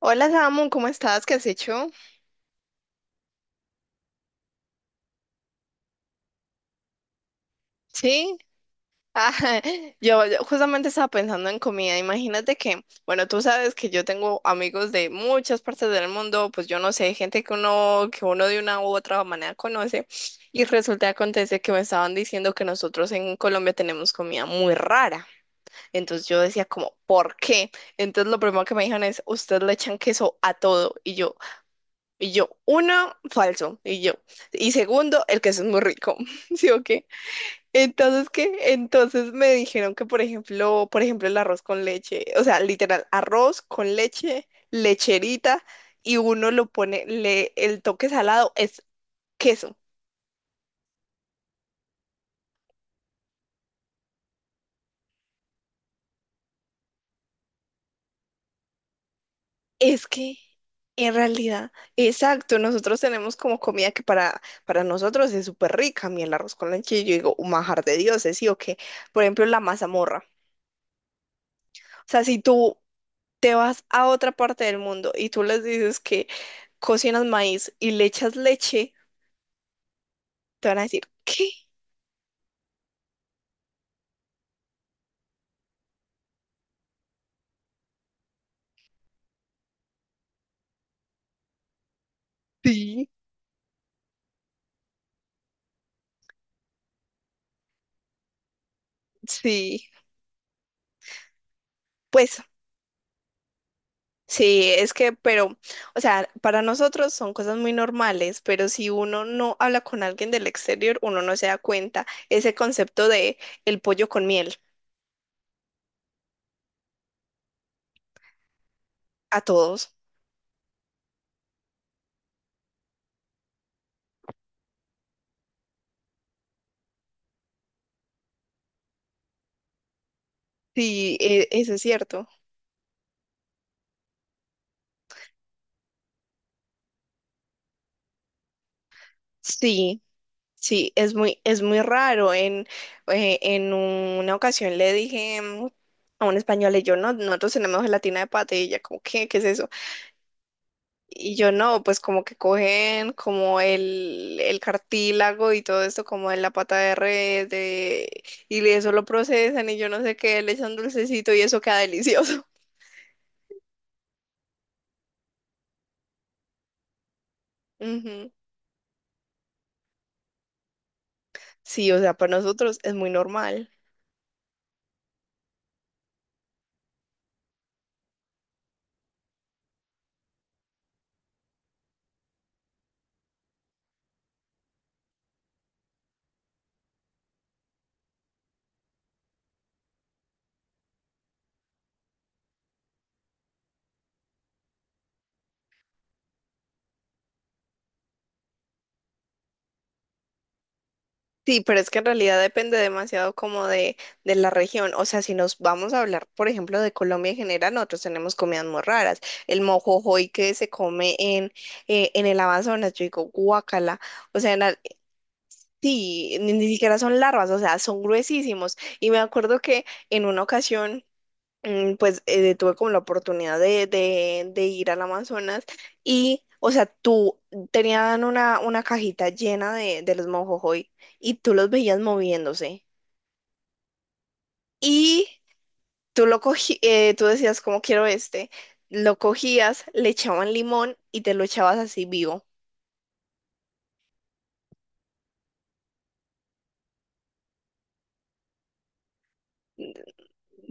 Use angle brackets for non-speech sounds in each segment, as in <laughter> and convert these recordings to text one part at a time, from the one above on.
Hola Samu, ¿cómo estás? ¿Qué has hecho? Sí, ah, <laughs> yo justamente estaba pensando en comida. Imagínate que, bueno, tú sabes que yo tengo amigos de muchas partes del mundo, pues yo no sé, gente que uno de una u otra manera conoce, y resulta que acontece que me estaban diciendo que nosotros en Colombia tenemos comida muy rara. Entonces yo decía como, ¿por qué? Entonces lo primero que me dijeron es, ustedes le echan queso a todo, y yo, uno, falso, y yo, y segundo, el queso es muy rico, <laughs> ¿sí o qué? Entonces, ¿qué? Entonces me dijeron que, por ejemplo, el arroz con leche, o sea, literal, arroz con leche, lecherita, y uno lo pone, le, el toque salado es queso. Es que, en realidad, exacto, nosotros tenemos como comida que para nosotros es súper rica. A mí el arroz con leche, yo digo, un manjar de dioses, ¿sí o qué? Por ejemplo, la mazamorra. O sea, si tú te vas a otra parte del mundo y tú les dices que cocinas maíz y le echas leche, te van a decir, ¿qué? Sí. Sí, pues sí, es que, pero, o sea, para nosotros son cosas muy normales, pero si uno no habla con alguien del exterior, uno no se da cuenta ese concepto de el pollo con miel a todos. Sí, eso es cierto. Sí, sí, es muy, raro. En una ocasión le dije a un español, y yo, no, nosotros tenemos gelatina de pata y ella, como, ¿qué? ¿Qué es eso? Y yo no, pues como que cogen como el cartílago y todo esto como en la pata de res de, y eso lo procesan y yo no sé qué, le echan dulcecito y eso queda delicioso. <laughs> Ujú. Sí, o sea, para nosotros es muy normal. Sí, pero es que en realidad depende demasiado como de la región. O sea, si nos vamos a hablar, por ejemplo, de Colombia en general, nosotros tenemos comidas muy raras. El mojojoy que se come en el Amazonas, yo digo, guácala. O sea, sí, ni siquiera son larvas, o sea, son gruesísimos. Y me acuerdo que en una ocasión, pues tuve como la oportunidad de ir al Amazonas y, o sea, tú tenían una cajita llena de los mojojoy y tú los veías moviéndose. Y tú lo cogí, tú decías, como quiero este, lo cogías, le echaban limón y te lo echabas así vivo.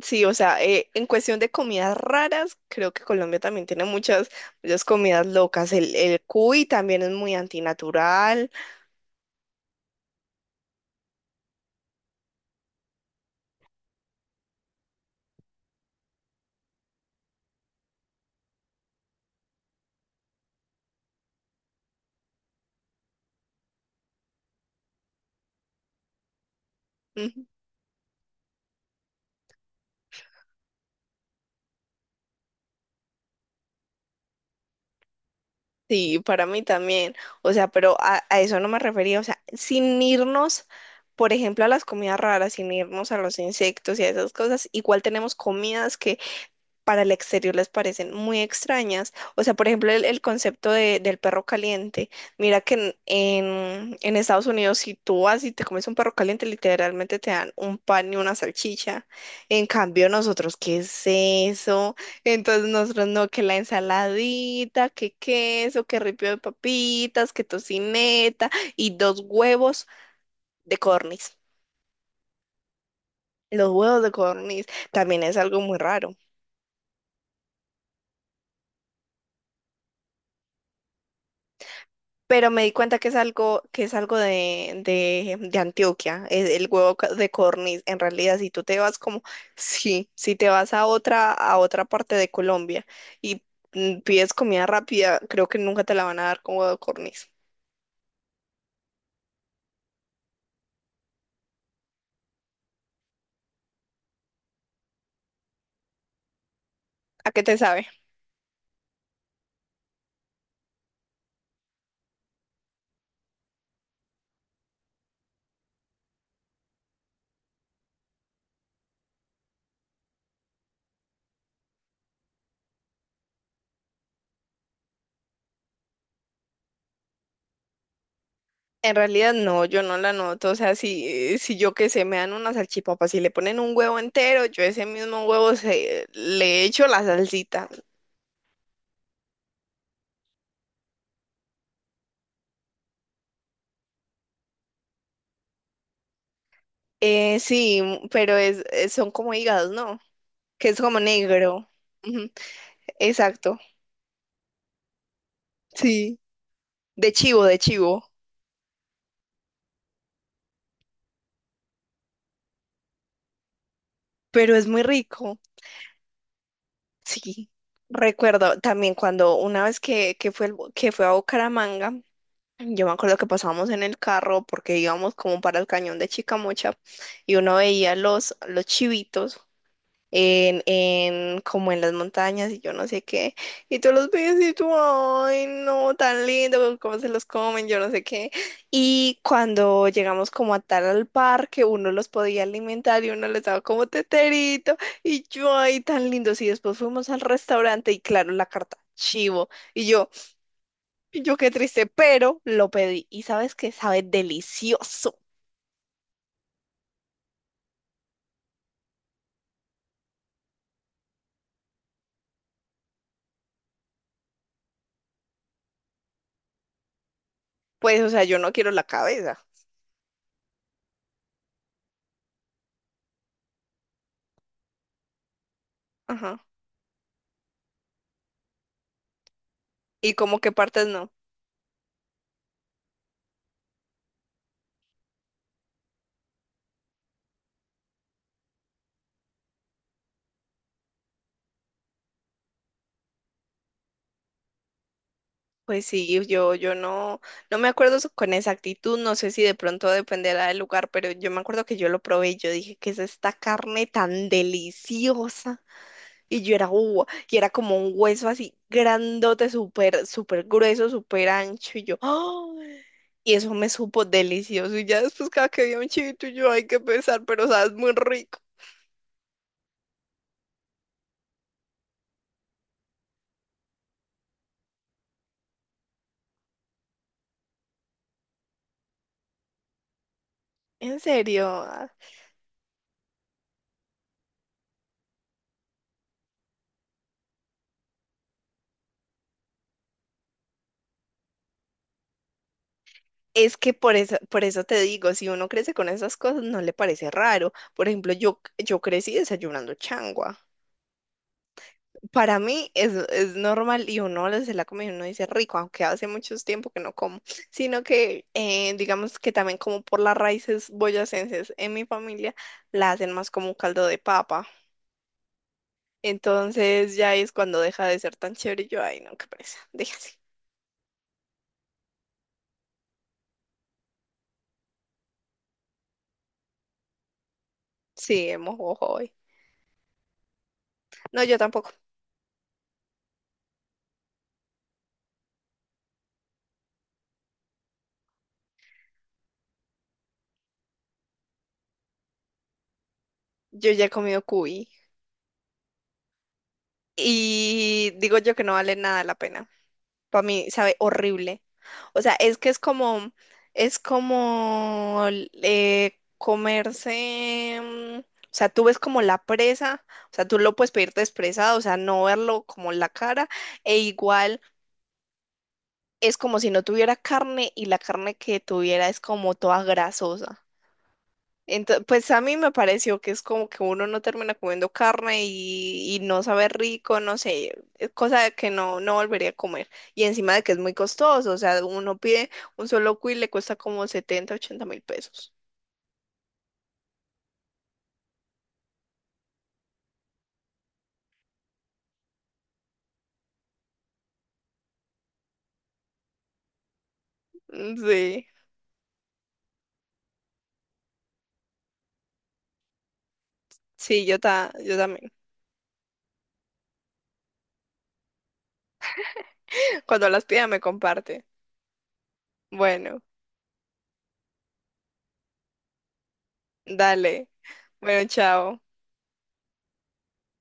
Sí, o sea, en cuestión de comidas raras, creo que Colombia también tiene muchas, muchas comidas locas. El cuy también es muy antinatural. Ujú. Sí, para mí también. O sea, pero a eso no me refería. O sea, sin irnos, por ejemplo, a las comidas raras, sin irnos a los insectos y a esas cosas, igual tenemos comidas que para el exterior les parecen muy extrañas. O sea, por ejemplo, el concepto del perro caliente. Mira que en Estados Unidos, si tú vas y te comes un perro caliente, literalmente te dan un pan y una salchicha. En cambio, nosotros, ¿qué es eso? Entonces, nosotros no, que la ensaladita, que queso, que ripio de papitas, que tocineta y dos huevos de corniz. Los huevos de corniz también es algo muy raro. Pero me di cuenta que es algo, de Antioquia, es el huevo de codorniz. En realidad, si tú te vas como, <laughs> sí, si te vas a otra parte de Colombia y pides comida rápida, creo que nunca te la van a dar con huevo de codorniz. ¿A qué te sabe? En realidad no, yo no la noto. O sea, si yo que sé, me dan una salchipapa, si le ponen un huevo entero, yo ese mismo huevo se, le echo la salsita. Sí, pero son como hígados, ¿no? Que es como negro. Ujú, exacto, sí, de chivo, pero es muy rico, sí. Recuerdo también cuando una vez que fue a Bucaramanga, yo me acuerdo que pasábamos en el carro porque íbamos como para el cañón de Chicamocha y uno veía los chivitos en como en las montañas y yo no sé qué. Y tú los ves y tú, ay, no, tan lindo, cómo se los comen, yo no sé qué. Y cuando llegamos como a tal al parque, uno los podía alimentar y uno les daba como teterito y yo, ay, tan lindos. Y después fuimos al restaurante y claro, la carta. Chivo. Y yo, y yo, qué triste, pero lo pedí. Y sabes que sabe delicioso. Pues, o sea, yo no quiero la cabeza. Ajá. ¿Y como qué partes no? Pues sí, yo no me acuerdo con exactitud, no sé si de pronto dependerá del lugar, pero yo me acuerdo que yo lo probé y yo dije, ¿qué es esta carne tan deliciosa? Y yo era, y era como un hueso así grandote, súper, súper grueso, súper ancho, y yo, ¡oh! Y eso me supo delicioso, y ya después cada que había un chivito, yo, ay, qué pesar, pero sabes, muy rico. En serio. Es que por eso te digo, si uno crece con esas cosas, no le parece raro. Por ejemplo, yo crecí desayunando changua. Para mí es, normal y uno le se la come y uno dice rico, aunque hace mucho tiempo que no como. Sino que, digamos que también como por las raíces boyacenses en mi familia, la hacen más como un caldo de papa. Entonces ya es cuando deja de ser tan chévere y yo, ay, no, qué presa, déjase. Sí, hemos hoy. No, yo tampoco. Yo ya he comido cuy. Y digo yo que no vale nada la pena. Para mí sabe horrible. O sea, es que es como comerse, o sea, tú ves como la presa, o sea, tú lo puedes pedir expresado, o sea, no verlo como la cara, e igual es como si no tuviera carne y la carne que tuviera es como toda grasosa. Entonces, pues a mí me pareció que es como que uno no termina comiendo carne y no sabe rico, no sé, es cosa de que no volvería a comer. Y encima de que es muy costoso, o sea, uno pide un solo cuy y le cuesta como 70.000, 80.000 pesos. Mm, sí, sí, yo también. <laughs> Cuando las pida me comparte. Bueno, dale. Bueno, chao.